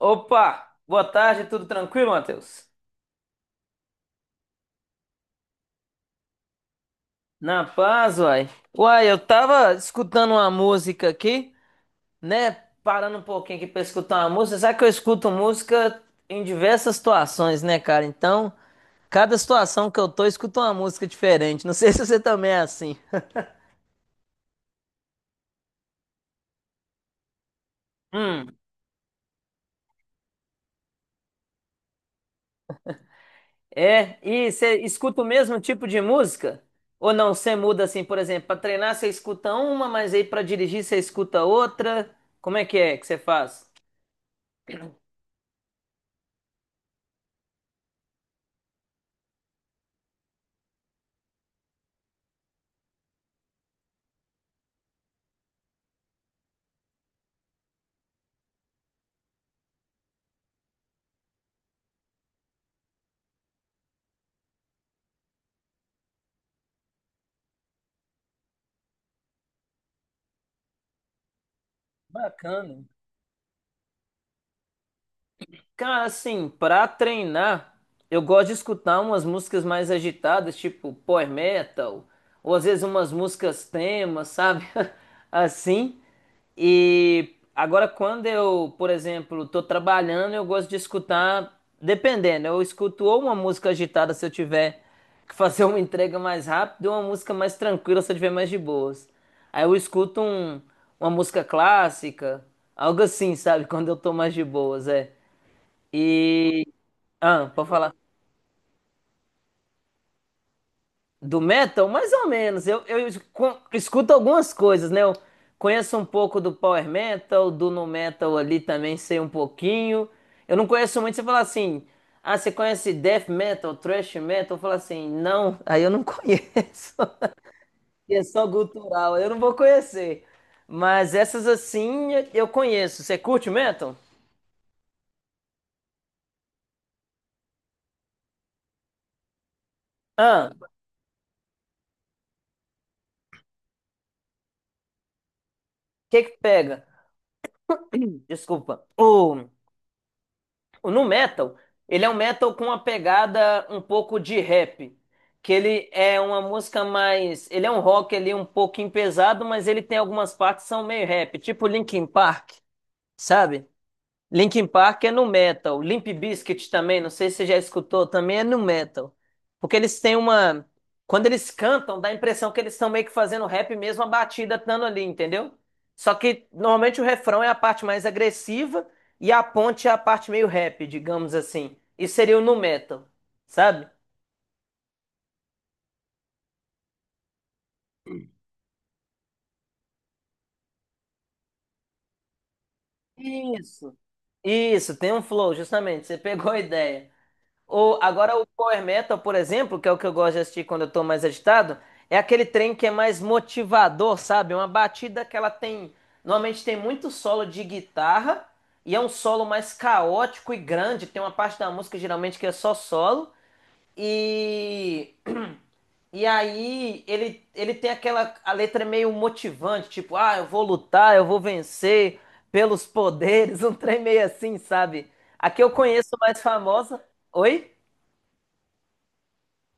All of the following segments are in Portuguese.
Opa, boa tarde, tudo tranquilo, Matheus? Na paz, uai. Uai, eu tava escutando uma música aqui, né? Parando um pouquinho aqui pra escutar uma música. Sabe que eu escuto música em diversas situações, né, cara? Então, cada situação que eu tô, eu escuto uma música diferente. Não sei se você também é assim. Hum, é? E você escuta o mesmo tipo de música? Ou não, você muda assim, por exemplo, pra treinar você escuta uma, mas aí pra dirigir você escuta outra? Como é que você faz? Bacana. Cara, assim, pra treinar, eu gosto de escutar umas músicas mais agitadas, tipo power metal, ou às vezes umas músicas temas, sabe? Assim. E agora, quando eu, por exemplo, tô trabalhando, eu gosto de escutar, dependendo, eu escuto ou uma música agitada se eu tiver que fazer uma entrega mais rápida, ou uma música mais tranquila se eu tiver mais de boas. Aí eu escuto uma música clássica, algo assim, sabe? Quando eu tô mais de boas, é. E. Ah, pode falar. Do metal? Mais ou menos. Eu escuto algumas coisas, né? Eu conheço um pouco do power metal, do nu metal ali também sei um pouquinho. Eu não conheço muito. Você fala assim, ah, você conhece death metal, thrash metal? Eu falo assim, não, aí eu não conheço. E é só cultural, eu não vou conhecer. Mas essas assim eu conheço. Você curte metal? Ah, o que que pega? Desculpa. O No metal, ele é um metal com uma pegada um pouco de rap, que ele é uma música mais, ele é um rock ali um pouquinho pesado, mas ele tem algumas partes que são meio rap, tipo Linkin Park, sabe? Linkin Park é no metal, Limp Bizkit também, não sei se você já escutou, também é no metal. Porque eles têm uma. Quando eles cantam, dá a impressão que eles estão meio que fazendo rap mesmo, a batida dando ali, entendeu? Só que normalmente o refrão é a parte mais agressiva e a ponte é a parte meio rap, digamos assim. Isso seria o nu metal, sabe? Isso. Isso, tem um flow, justamente, você pegou a ideia. Ou agora o power metal, por exemplo, que é o que eu gosto de assistir quando eu tô mais agitado, é aquele trem que é mais motivador, sabe? Uma batida que ela tem, normalmente tem muito solo de guitarra e é um solo mais caótico e grande, tem uma parte da música geralmente que é só solo e e aí ele tem aquela a letra é meio motivante, tipo, ah, eu vou lutar, eu vou vencer pelos poderes, um trem meio assim, sabe? A que eu conheço mais famosa, oi?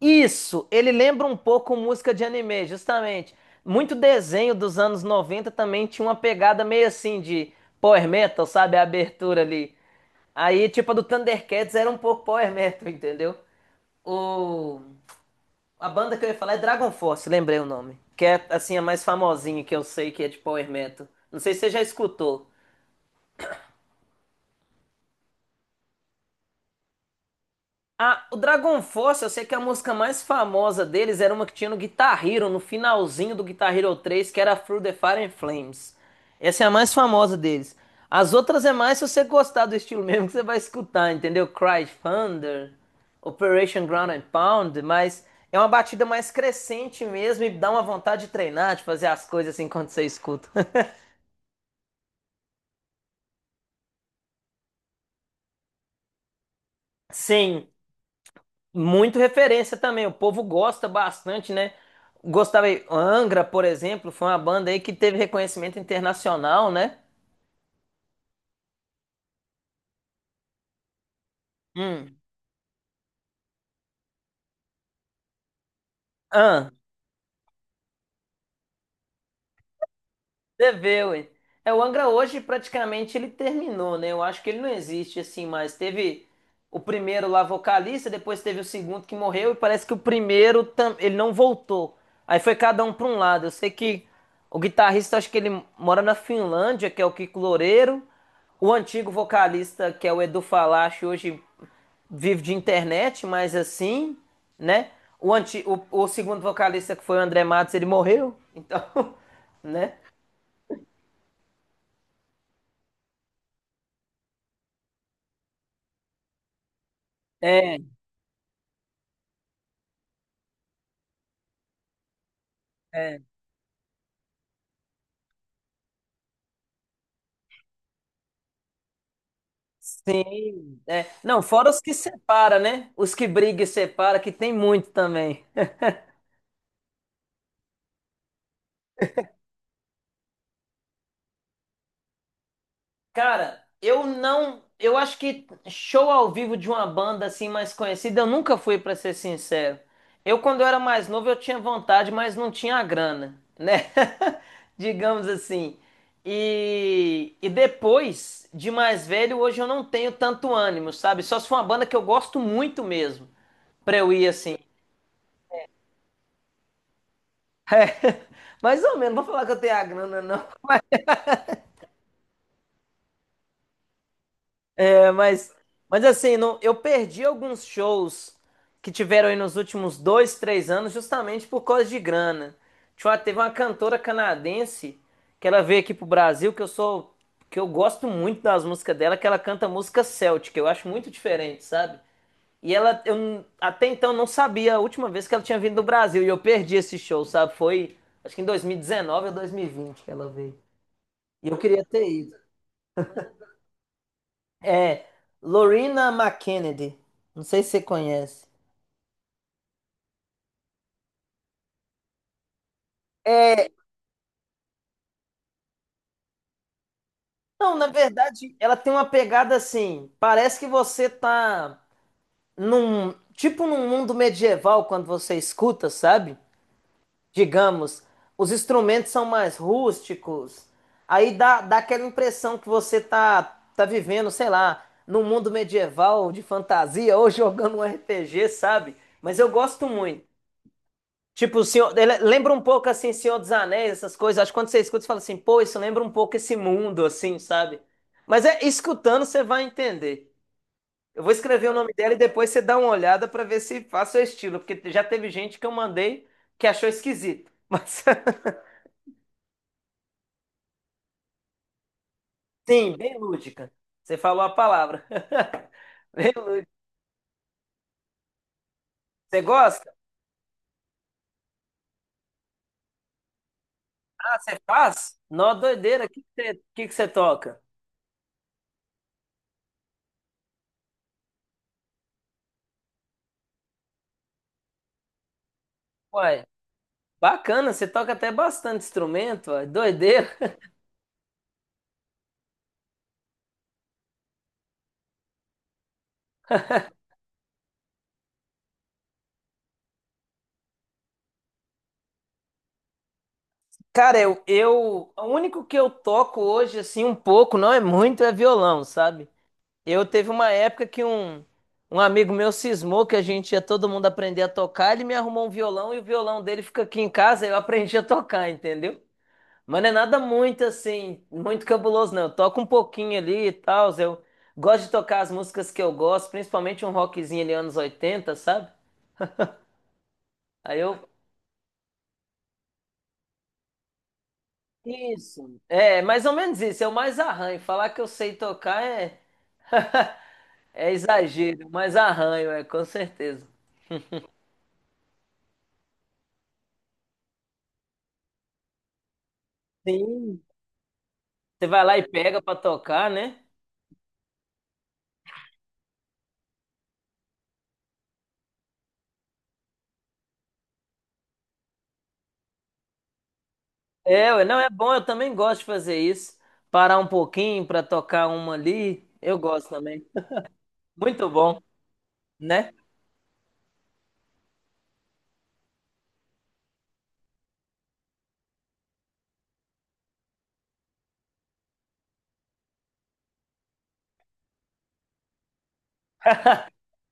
Isso, ele lembra um pouco música de anime, justamente. Muito desenho dos anos 90 também tinha uma pegada meio assim de power metal, sabe? A abertura ali. Aí, tipo, a do Thundercats era um pouco power metal, entendeu? O... A banda que eu ia falar é Dragon Force, lembrei o nome. Que é, assim, a mais famosinha que eu sei que é de power metal. Não sei se você já escutou. Ah, o Dragon Force, eu sei que a música mais famosa deles era uma que tinha no Guitar Hero, no finalzinho do Guitar Hero 3, que era Through the Fire and Flames. Essa é a mais famosa deles. As outras é mais se você gostar do estilo mesmo que você vai escutar, entendeu? Cry Thunder, Operation Ground and Pound, mas é uma batida mais crescente mesmo e dá uma vontade de treinar, de fazer as coisas assim quando você escuta. Sim. Muito referência também, o povo gosta bastante, né? Gostava aí, Angra, por exemplo, foi uma banda aí que teve reconhecimento internacional, né? Hum. Ah, Deveu, hein? É, o Angra hoje praticamente ele terminou, né? Eu acho que ele não existe assim mais. Teve o primeiro lá vocalista, depois teve o segundo que morreu e parece que o primeiro ele não voltou. Aí foi cada um para um lado. Eu sei que o guitarrista acho que ele mora na Finlândia, que é o Kiko Loureiro. O antigo vocalista, que é o Edu Falaschi, hoje vive de internet, mas assim, né? O segundo vocalista, que foi o André Matos, ele morreu, então, né? É, é, sim, é. Não, fora os que separa, né? Os que briga e separa, que tem muito também. Cara, eu não, eu acho que show ao vivo de uma banda assim mais conhecida, eu nunca fui, pra ser sincero. Eu quando eu era mais novo eu tinha vontade, mas não tinha a grana, né? Digamos assim. E depois de mais velho, hoje eu não tenho tanto ânimo, sabe? Só se for uma banda que eu gosto muito mesmo, pra eu ir assim. É, mais ou menos, não vou falar que eu tenho a grana, não. É, mas assim, não, eu perdi alguns shows que tiveram aí nos últimos dois, três anos, justamente por causa de grana. Teve uma cantora canadense que ela veio aqui pro Brasil, que eu sou, que eu gosto muito das músicas dela, que ela canta música celtic, eu acho muito diferente, sabe? E ela, até então não sabia a última vez que ela tinha vindo do Brasil, e eu perdi esse show, sabe? Foi, acho que em 2019 ou 2020 que ela veio. E eu queria ter ido. É Lorena McKennedy. Não sei se você conhece. É, não, na verdade, ela tem uma pegada assim. Parece que você tá tipo num mundo medieval quando você escuta, sabe? Digamos, os instrumentos são mais rústicos. Aí dá aquela impressão que você tá vivendo, sei lá, num mundo medieval de fantasia ou jogando um RPG, sabe? Mas eu gosto muito. Tipo, o senhor, ele lembra um pouco assim, Senhor dos Anéis, essas coisas. Acho que quando você escuta, você fala assim, pô, isso lembra um pouco esse mundo, assim, sabe? Mas é escutando, você vai entender. Eu vou escrever o nome dela e depois você dá uma olhada pra ver se faz seu estilo, porque já teve gente que eu mandei que achou esquisito. Mas sim, bem lúdica. Você falou a palavra. Bem lúdica. Você gosta? Ah, você faz? Nó doideira, o que que você toca? Uai, bacana, você toca até bastante instrumento, uai, doideira. Cara, o único que eu toco hoje, assim, um pouco, não é muito, é violão, sabe? Eu teve uma época que um amigo meu cismou que a gente ia todo mundo aprender a tocar, ele me arrumou um violão e o violão dele fica aqui em casa, eu aprendi a tocar, entendeu? Mas não é nada muito, assim, muito cabuloso, não. Eu toco um pouquinho ali e tal, eu gosto de tocar as músicas que eu gosto, principalmente um rockzinho ali anos 80, sabe? Aí eu. Isso. É, mais ou menos isso, eu mais arranho. Falar que eu sei tocar é. É exagero, mas arranho, é, com certeza. Sim. Você vai lá e pega pra tocar, né? É, ué, não, é bom, eu também gosto de fazer isso. Parar um pouquinho pra tocar uma ali, eu gosto também. Muito bom, né?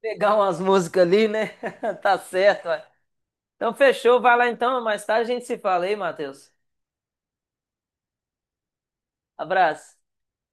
Pegar umas músicas ali, né? Tá certo, ué. Então fechou, vai lá então, mais tarde a gente se fala aí, Matheus. Abraço.